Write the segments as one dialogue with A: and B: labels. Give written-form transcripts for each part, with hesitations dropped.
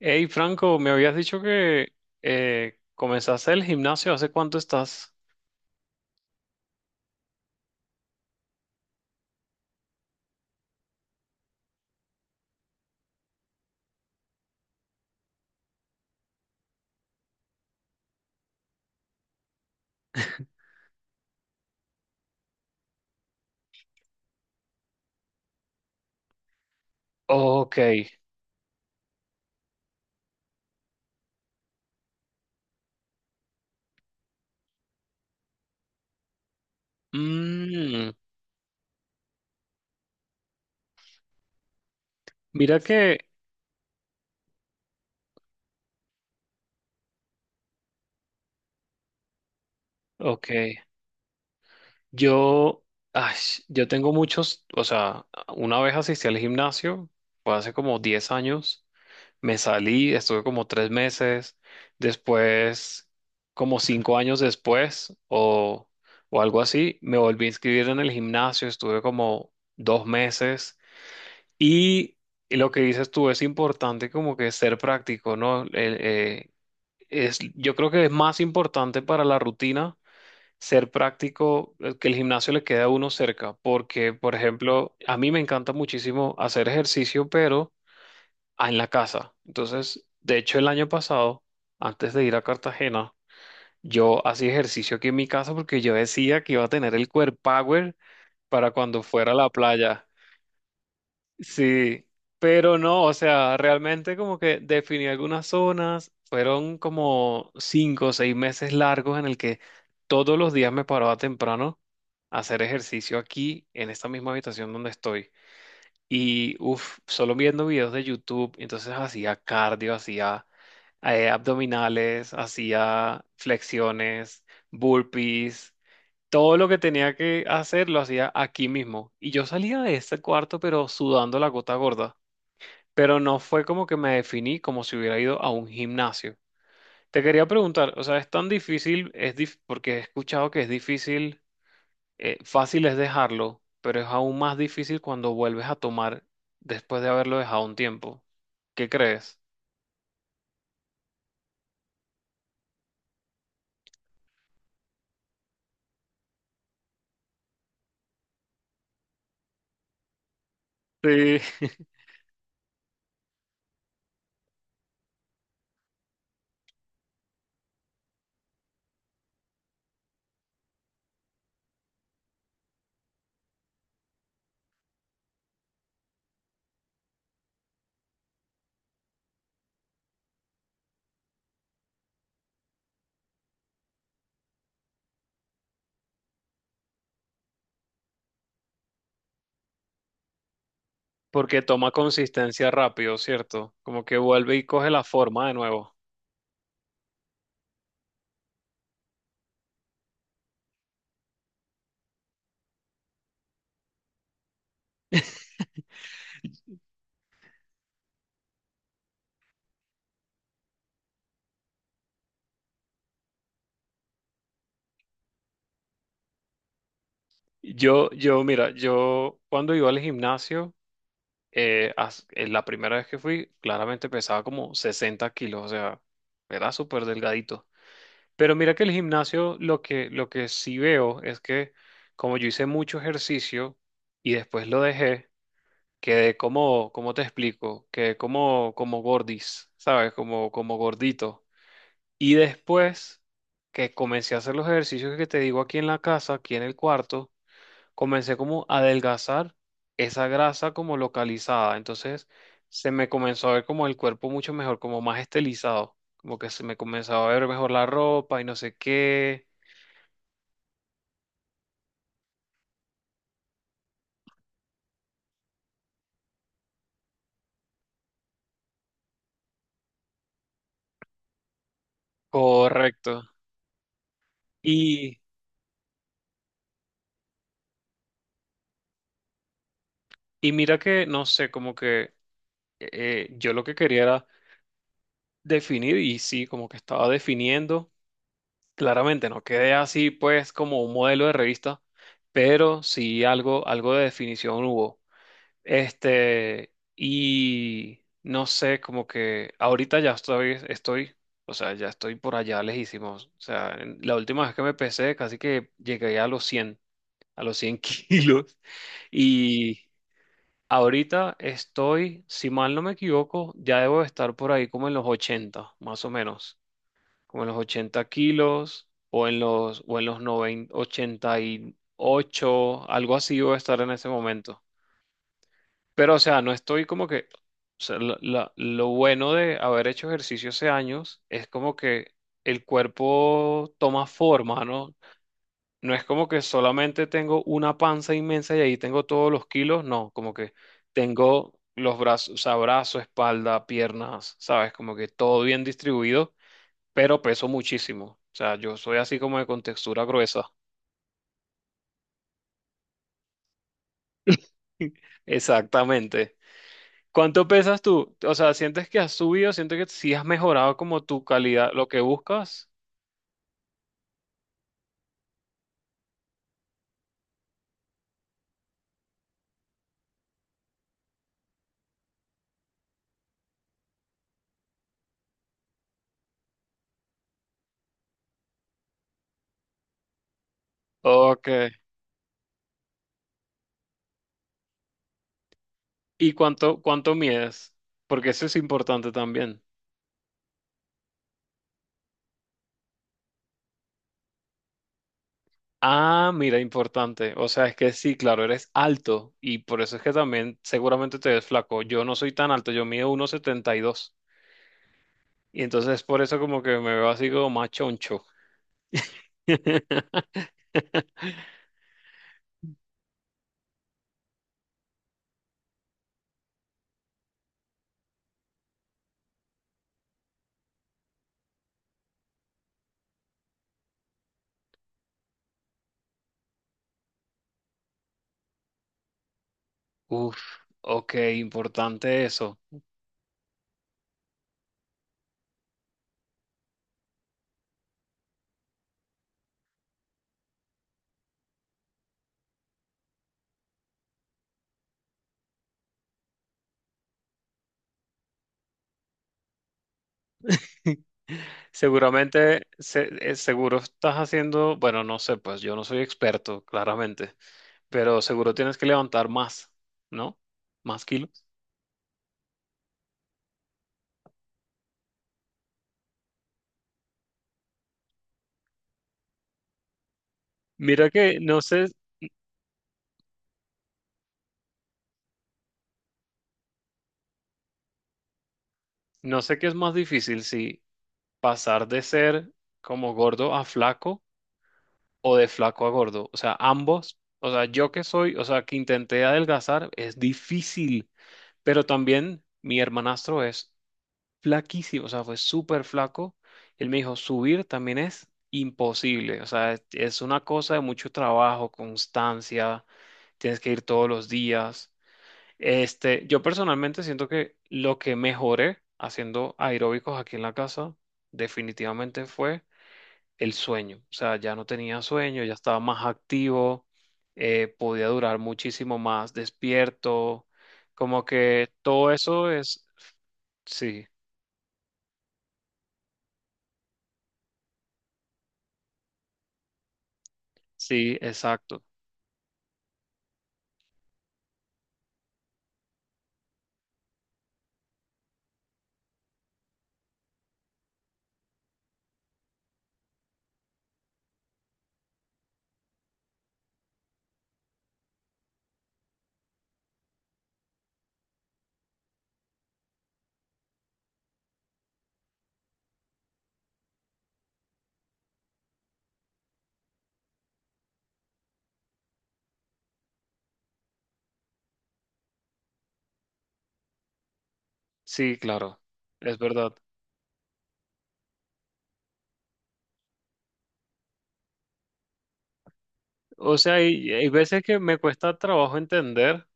A: Hey, Franco, me habías dicho que comenzaste el gimnasio. ¿Hace cuánto estás? Ok. Mm, mira que, ok, yo, ay, yo tengo muchos, o sea, una vez asistí al gimnasio, fue hace como 10 años, me salí, estuve como 3 meses, después, como 5 años después, o algo así, me volví a inscribir en el gimnasio, estuve como 2 meses. Y lo que dices tú es importante, como que ser práctico, ¿no? Es, yo creo que es más importante para la rutina ser práctico, que el gimnasio le quede a uno cerca, porque, por ejemplo, a mí me encanta muchísimo hacer ejercicio, pero en la casa. Entonces, de hecho, el año pasado, antes de ir a Cartagena, yo hacía ejercicio aquí en mi casa porque yo decía que iba a tener el core power para cuando fuera a la playa. Sí, pero no, o sea, realmente como que definí algunas zonas, fueron como 5 o 6 meses largos en el que todos los días me paraba temprano a hacer ejercicio aquí en esta misma habitación donde estoy. Y uff, solo viendo videos de YouTube, entonces hacía cardio, hacía abdominales, hacía flexiones, burpees. Todo lo que tenía que hacer lo hacía aquí mismo. Y yo salía de ese cuarto, pero sudando la gota gorda. Pero no fue como que me definí como si hubiera ido a un gimnasio. Te quería preguntar, o sea, es tan difícil, porque he escuchado que es difícil, fácil es dejarlo, pero es aún más difícil cuando vuelves a tomar después de haberlo dejado un tiempo. ¿Qué crees? Sí. Porque toma consistencia rápido, ¿cierto? Como que vuelve y coge la forma de nuevo. Yo, mira, yo cuando iba al gimnasio, en la primera vez que fui, claramente pesaba como 60 kilos, o sea, era súper delgadito. Pero mira que el gimnasio, lo que sí veo es que como yo hice mucho ejercicio y después lo dejé, quedé como, ¿cómo te explico? Quedé como, como gordis, ¿sabes? Como, como gordito. Y después que comencé a hacer los ejercicios que te digo aquí en la casa, aquí en el cuarto, comencé como a adelgazar esa grasa como localizada. Entonces se me comenzó a ver como el cuerpo mucho mejor, como más estilizado, como que se me comenzaba a ver mejor la ropa y no sé qué. Correcto. Y, y mira que, no sé, como que yo lo que quería era definir y sí, como que estaba definiendo. Claramente no quedé así pues como un modelo de revista, pero sí algo, algo de definición hubo. Este, y no sé, como que ahorita ya estoy, o sea, ya estoy por allá lejísimos. O sea, la última vez que me pesé, casi que llegué a los 100, a los 100 kilos. Y ahorita estoy, si mal no me equivoco, ya debo estar por ahí como en los 80, más o menos. Como en los 80 kilos o en o en los 90, 88, algo así voy a estar en ese momento. Pero, o sea, no estoy como que, o sea, lo bueno de haber hecho ejercicio hace años es como que el cuerpo toma forma, ¿no? No es como que solamente tengo una panza inmensa y ahí tengo todos los kilos, no, como que tengo los brazos, o sea, brazo, espalda, piernas, ¿sabes? Como que todo bien distribuido, pero peso muchísimo. O sea, yo soy así como de contextura gruesa. Exactamente. ¿Cuánto pesas tú? O sea, ¿sientes que has subido? ¿Sientes que sí has mejorado como tu calidad, lo que buscas? Ok. ¿Y cuánto, cuánto mides? Porque eso es importante también. Ah, mira, importante. O sea, es que sí, claro, eres alto y por eso es que también seguramente te ves flaco. Yo no soy tan alto, yo mido 1,72 y dos. Y entonces por eso como que me veo así como más choncho. Uf, ok, importante eso. Seguramente, seguro estás haciendo, bueno, no sé, pues yo no soy experto, claramente, pero seguro tienes que levantar más, ¿no? Más kilos. Mira que no sé, no sé qué es más difícil, si pasar de ser como gordo a flaco o de flaco a gordo. O sea, ambos, o sea, yo que soy, o sea, que intenté adelgazar, es difícil, pero también mi hermanastro es flaquísimo, o sea, fue súper flaco. Él me dijo, subir también es imposible, o sea, es una cosa de mucho trabajo, constancia, tienes que ir todos los días. Este, yo personalmente siento que lo que mejoré haciendo aeróbicos aquí en la casa definitivamente fue el sueño, o sea, ya no tenía sueño, ya estaba más activo, podía durar muchísimo más despierto, como que todo eso es, sí. Sí, exacto. Sí, claro, es verdad. O sea, hay veces que me cuesta trabajo entender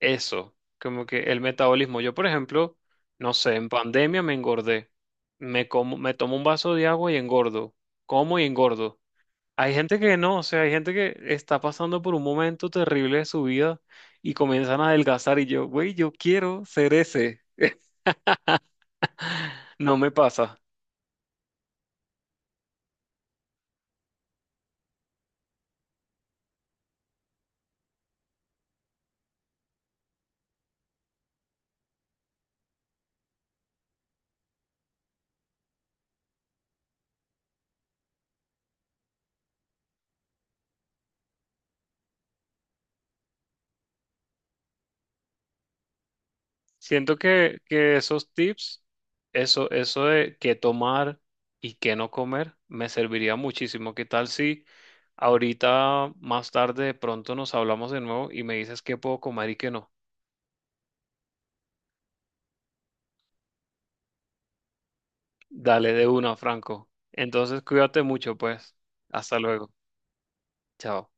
A: eso, como que el metabolismo. Yo, por ejemplo, no sé, en pandemia me engordé. Me como, me tomo un vaso de agua y engordo. Como y engordo. Hay gente que no, o sea, hay gente que está pasando por un momento terrible de su vida y comienzan a adelgazar y yo, güey, yo quiero ser ese. No me pasa. Siento que, esos tips, eso de qué tomar y qué no comer, me serviría muchísimo. ¿Qué tal si ahorita más tarde de pronto nos hablamos de nuevo y me dices qué puedo comer y qué no? Dale de una, Franco. Entonces cuídate mucho, pues. Hasta luego. Chao.